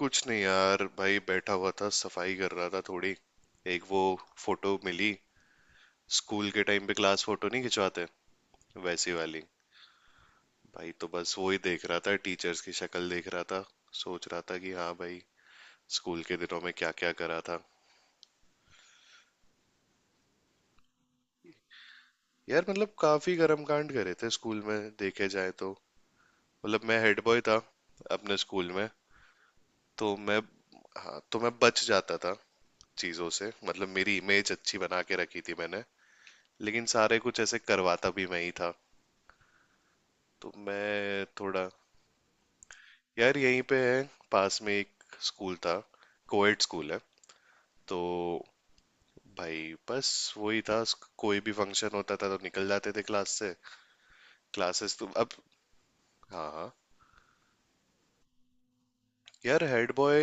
कुछ नहीं यार, भाई बैठा हुआ था, सफाई कर रहा था थोड़ी। एक वो फोटो मिली। स्कूल के टाइम पे क्लास फोटो नहीं खिंचवाते, वैसी वाली। भाई तो बस वो ही देख रहा था, टीचर्स की शक्ल देख रहा था। सोच रहा था कि हाँ भाई, स्कूल के दिनों में क्या क्या करा था। यार मतलब काफी कर्म कांड करे थे स्कूल में, देखे जाए तो। मतलब मैं हेड बॉय था अपने स्कूल में। तो मैं हाँ तो मैं बच जाता था चीजों से। मतलब मेरी इमेज अच्छी बना के रखी थी मैंने। लेकिन सारे कुछ ऐसे करवाता भी मैं ही था। तो मैं थोड़ा। यार यहीं पे है, पास में एक स्कूल था, कोएड स्कूल है। तो भाई बस वही था। कोई भी फंक्शन होता था तो निकल जाते थे क्लास से। क्लासेस तो अब। हाँ हाँ। यार हेड बॉय,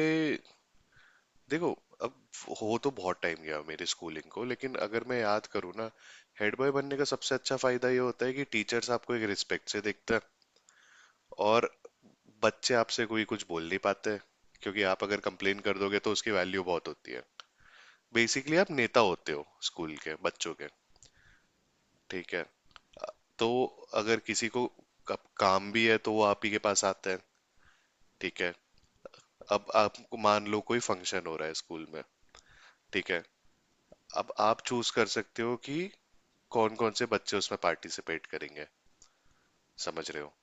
देखो। अब, हो तो बहुत टाइम गया मेरी स्कूलिंग को, लेकिन अगर मैं याद करूँ ना, हेड बॉय बनने का सबसे अच्छा फायदा ये होता है कि टीचर्स आपको एक रिस्पेक्ट से देखते हैं। और बच्चे आपसे कोई कुछ बोल नहीं पाते, क्योंकि आप अगर कंप्लेन कर दोगे तो उसकी वैल्यू बहुत होती है। बेसिकली आप नेता होते हो स्कूल के बच्चों के। ठीक है। तो अगर किसी को कब काम भी है तो वो आप ही के पास आते हैं। ठीक है। अब आपको मान लो कोई फंक्शन हो रहा है स्कूल में। ठीक है। अब आप चूज कर सकते हो कि कौन कौन से बच्चे उसमें पार्टिसिपेट करेंगे। समझ रहे हो,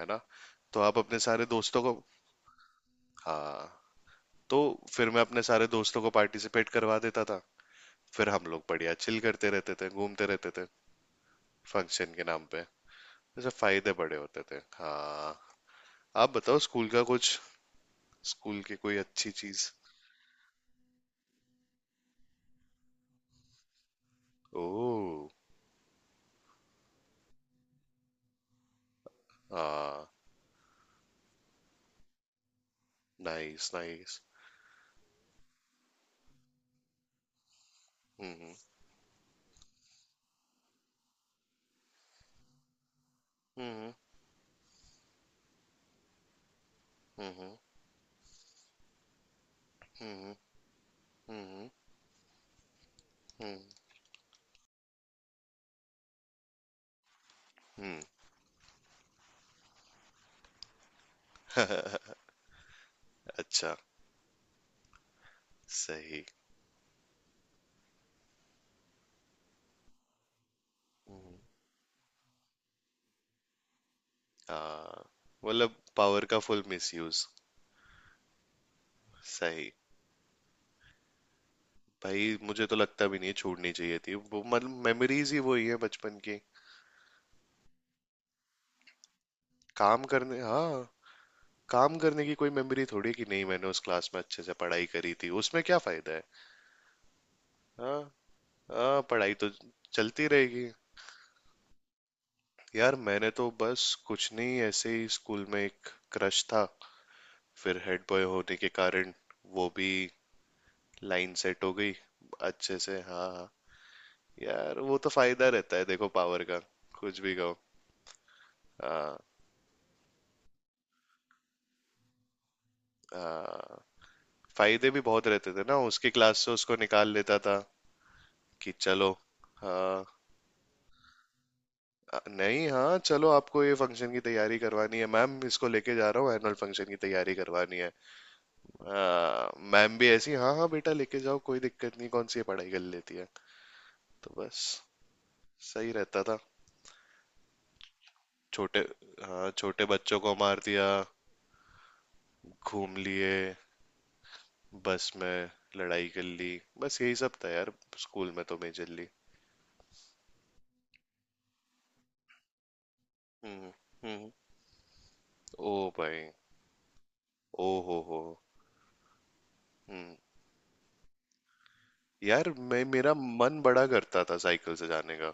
है ना। तो आप अपने सारे दोस्तों को। हाँ। तो फिर मैं अपने सारे दोस्तों को पार्टिसिपेट करवा देता था। फिर हम लोग बढ़िया चिल करते रहते थे, घूमते रहते थे, फंक्शन के नाम पे। जैसे फायदे बड़े होते थे, हाँ। आप बताओ स्कूल का कुछ, स्कूल की कोई अच्छी चीज। ओह, हाँ, नाइस नाइस। हम्म हम्म हम्म हम्म हम्म हम्म हम्म हम्म, हम्म, हम्म। अच्छा, सही। हम्म, हाँ, मतलब पावर का फुल मिसयूज। सही। भाई, मुझे तो लगता भी नहीं छोड़नी चाहिए थी वो, मतलब मेमोरीज ही वही है बचपन की। काम करने, हाँ। काम करने की कोई मेमोरी थोड़ी कि नहीं मैंने उस क्लास में अच्छे से पढ़ाई करी थी, उसमें क्या फायदा है। हाँ हाँ, पढ़ाई तो चलती रहेगी। यार मैंने तो बस कुछ नहीं, ऐसे ही स्कूल में एक क्रश था, फिर हेड बॉय होने के कारण वो भी लाइन सेट हो गई अच्छे से। हाँ हाँ। यार वो तो फायदा रहता है देखो, पावर का, कुछ भी कहो। हाँ हाँ। फायदे भी बहुत रहते थे ना, उसकी क्लास से उसको निकाल लेता था कि चलो, हाँ। नहीं, हाँ चलो, आपको ये फंक्शन की तैयारी करवानी है मैम, इसको लेके जा रहा हूँ, एनुअल फंक्शन की तैयारी करवानी है। हाँ, मैम भी ऐसी, हाँ हाँ बेटा लेके जाओ, कोई दिक्कत नहीं, कौन सी ये पढ़ाई कर लेती है। तो बस सही रहता था। छोटे, हाँ, छोटे बच्चों को मार दिया, घूम लिए बस में, लड़ाई कर ली, बस यही सब था यार, स्कूल में तो मेजरली। हम्म हम्म। ओ भाई, ओ हो हो। हम्म। यार मैं, मेरा मन बड़ा करता था साइकिल से जाने का,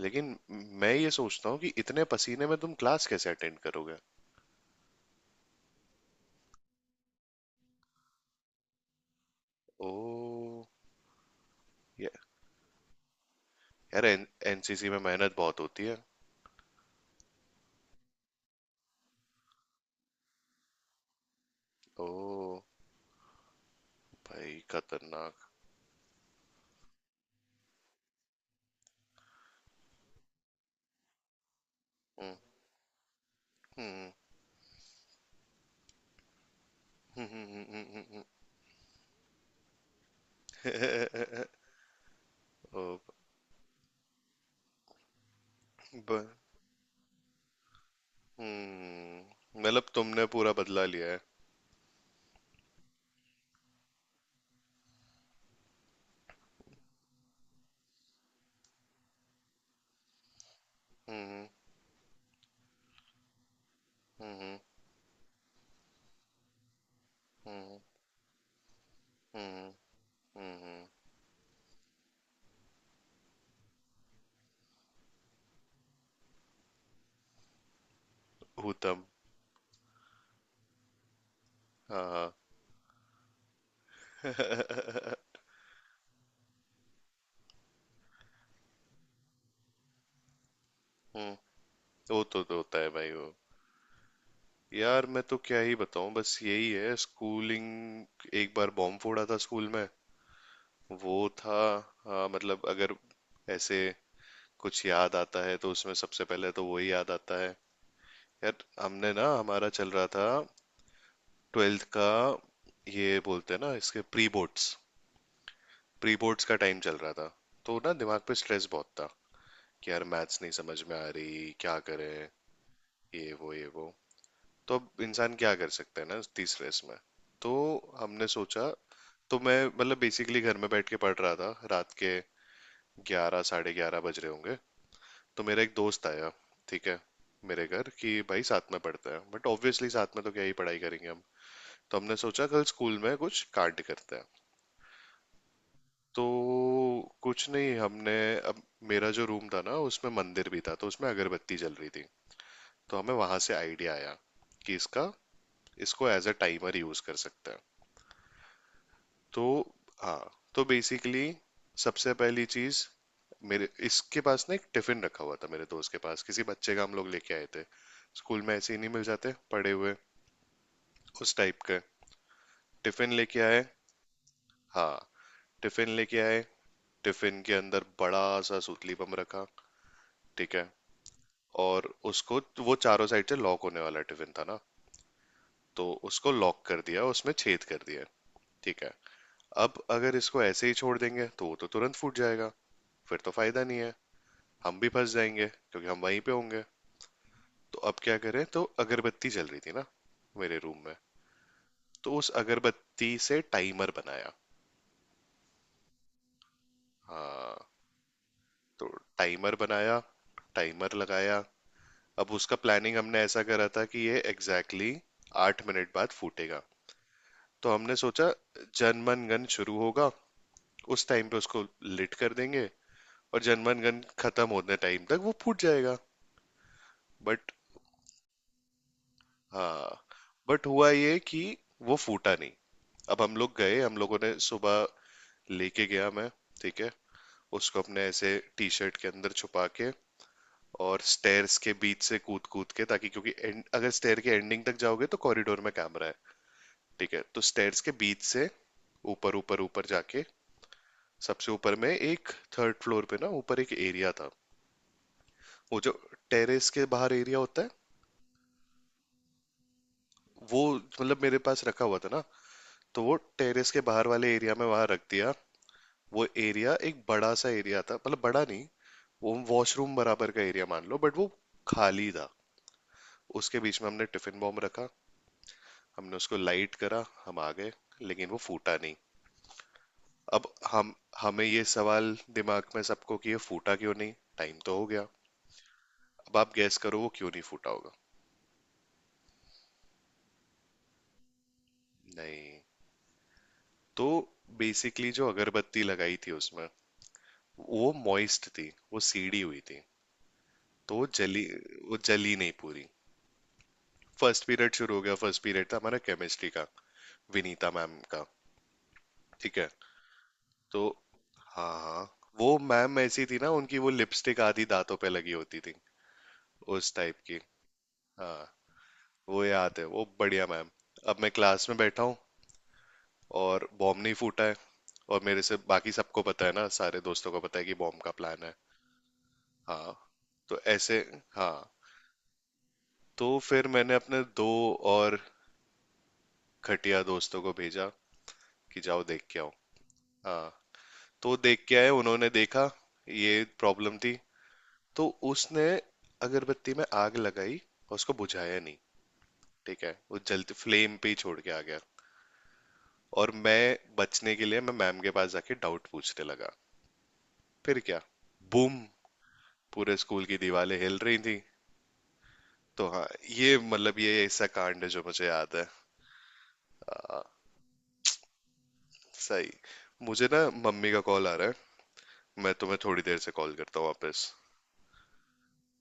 लेकिन मैं ये सोचता हूँ कि इतने पसीने में तुम क्लास कैसे अटेंड करोगे। ओ यार, एनसीसी में मेहनत बहुत होती है। ओ भाई खतरनाक। हम्म, हम्म, हम्म, हम्म, हम्म, हम्म, ओ। ब, मतलब तुमने पूरा बदला लिया है। हम्म हम्म हम्म हम्म हम्म। हूतम। हाँ हाँ। हम्म, वो तो होता है भाई वो। यार मैं तो क्या ही बताऊं, बस यही है स्कूलिंग। एक बार बॉम्ब फोड़ा था स्कूल में, वो था। हाँ, मतलब अगर ऐसे कुछ याद आता है तो उसमें सबसे पहले तो वही याद आता है। यार, हमने ना, हमारा चल रहा था ट्वेल्थ का, ये बोलते हैं ना इसके प्री बोर्ड्स। प्री बोर्ड्स का टाइम चल रहा था, तो ना दिमाग पे स्ट्रेस बहुत था कि यार मैथ्स नहीं समझ में आ रही, क्या करें, ये वो ये वो। तो अब इंसान क्या कर सकता है ना इतनी स्ट्रेस में। तो हमने सोचा। तो मैं, मतलब बेसिकली घर में बैठ के पढ़ रहा था, रात के 11 11:30 बज रहे होंगे। तो मेरा एक दोस्त आया, ठीक है, मेरे घर, कि भाई साथ में पढ़ते हैं, बट ऑब्वियसली साथ में तो क्या ही पढ़ाई करेंगे हम। तो हमने सोचा कल स्कूल में कुछ कार्ड करते हैं। तो कुछ नहीं, हमने, अब मेरा जो रूम था ना, उसमें मंदिर भी था, तो उसमें अगरबत्ती जल रही थी, तो हमें वहां से आइडिया आया कि इसका, इसको एज अ टाइमर यूज कर सकते हैं। तो हाँ, तो बेसिकली सबसे पहली चीज, मेरे इसके पास ना एक टिफिन रखा हुआ था, मेरे दोस्त के पास, किसी बच्चे का हम लोग लेके आए थे। स्कूल में ऐसे ही नहीं मिल जाते पड़े हुए उस टाइप के। टिफिन लेके आए। हाँ, टिफिन लेके आए। टिफिन के अंदर बड़ा सा सूतली बम रखा। ठीक है, और उसको, वो चारों साइड से लॉक होने वाला टिफिन था ना, तो उसको लॉक कर दिया, उसमें छेद कर दिया। ठीक है, अब अगर इसको ऐसे ही छोड़ देंगे तो वो तो तुरंत फूट जाएगा, फिर तो फायदा नहीं है, हम भी फंस जाएंगे क्योंकि हम वहीं पे होंगे। तो अब क्या करें, तो अगरबत्ती जल रही थी ना मेरे रूम में, तो उस अगरबत्ती से टाइमर बनाया। हाँ, तो टाइमर बनाया, टाइमर लगाया। अब उसका प्लानिंग हमने ऐसा करा था कि ये एग्जैक्टली exactly 8 मिनट बाद फूटेगा। तो हमने सोचा जनमन गन शुरू होगा, उस टाइम पे उसको लिट कर देंगे, और जनमन गन खत्म होने टाइम तक वो फूट जाएगा, बट। हाँ, बट हुआ ये कि वो फूटा नहीं। अब हम लोग गए, हम लोगों ने सुबह, लेके गया मैं, ठीक है, उसको अपने ऐसे टी शर्ट के अंदर छुपा के, और स्टेयर्स के बीच से कूद कूद के, ताकि अगर स्टेयर के एंडिंग तक जाओगे तो कॉरिडोर में कैमरा है, ठीक है, तो स्टेयर्स के बीच से ऊपर ऊपर ऊपर जाके सबसे ऊपर में एक, थर्ड फ्लोर पे ना ऊपर एक एरिया था, वो जो टेरेस के बाहर एरिया होता है, वो मतलब मेरे पास रखा हुआ था ना, तो वो टेरेस के बाहर वाले एरिया में वहां रख दिया। वो एरिया एक बड़ा सा एरिया था, मतलब बड़ा नहीं, वो वॉशरूम बराबर का एरिया मान लो, बट वो खाली था। उसके बीच में हमने टिफिन बॉम्ब रखा। हमने उसको लाइट करा, हम आ गए, लेकिन वो फूटा नहीं। अब हम, हमें ये सवाल दिमाग में सबको कि ये फूटा क्यों नहीं, टाइम तो हो गया। अब आप गैस करो वो क्यों नहीं फूटा होगा। नहीं, तो बेसिकली जो अगरबत्ती लगाई थी उसमें, वो मॉइस्ट थी, वो सीडी हुई थी, तो वो जली, वो जली नहीं पूरी। फर्स्ट पीरियड शुरू हो गया, फर्स्ट पीरियड था हमारा केमिस्ट्री का, विनीता मैम का। ठीक है, तो हाँ हाँ, वो मैम ऐसी थी ना, उनकी वो लिपस्टिक आधी दांतों पे लगी होती थी, उस टाइप की, हाँ, वो याद है वो, बढ़िया मैम। अब मैं क्लास में बैठा हूँ, और बॉम्ब नहीं फूटा है, और मेरे से बाकी सबको पता है ना, सारे दोस्तों को पता है कि बॉम्ब का प्लान है। हाँ, तो ऐसे, हाँ, तो फिर मैंने अपने दो और खटिया दोस्तों को भेजा कि जाओ देख के आओ। हाँ, तो देख के आए, उन्होंने देखा ये प्रॉब्लम थी। तो उसने अगरबत्ती में आग लगाई, और उसको बुझाया नहीं। ठीक है, वो जलते फ्लेम पे ही छोड़ के आ गया। और मैं बचने के लिए मैं मैम के पास जाके डाउट पूछने लगा। फिर क्या, बूम, पूरे स्कूल की दीवारें हिल रही थी। तो हाँ, ये मतलब ये ऐसा कांड है जो मुझे याद है। आ, सही। मुझे ना मम्मी का कॉल आ रहा है, मैं तुम्हें थोड़ी देर से कॉल करता हूँ वापस।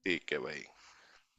ठीक है भाई।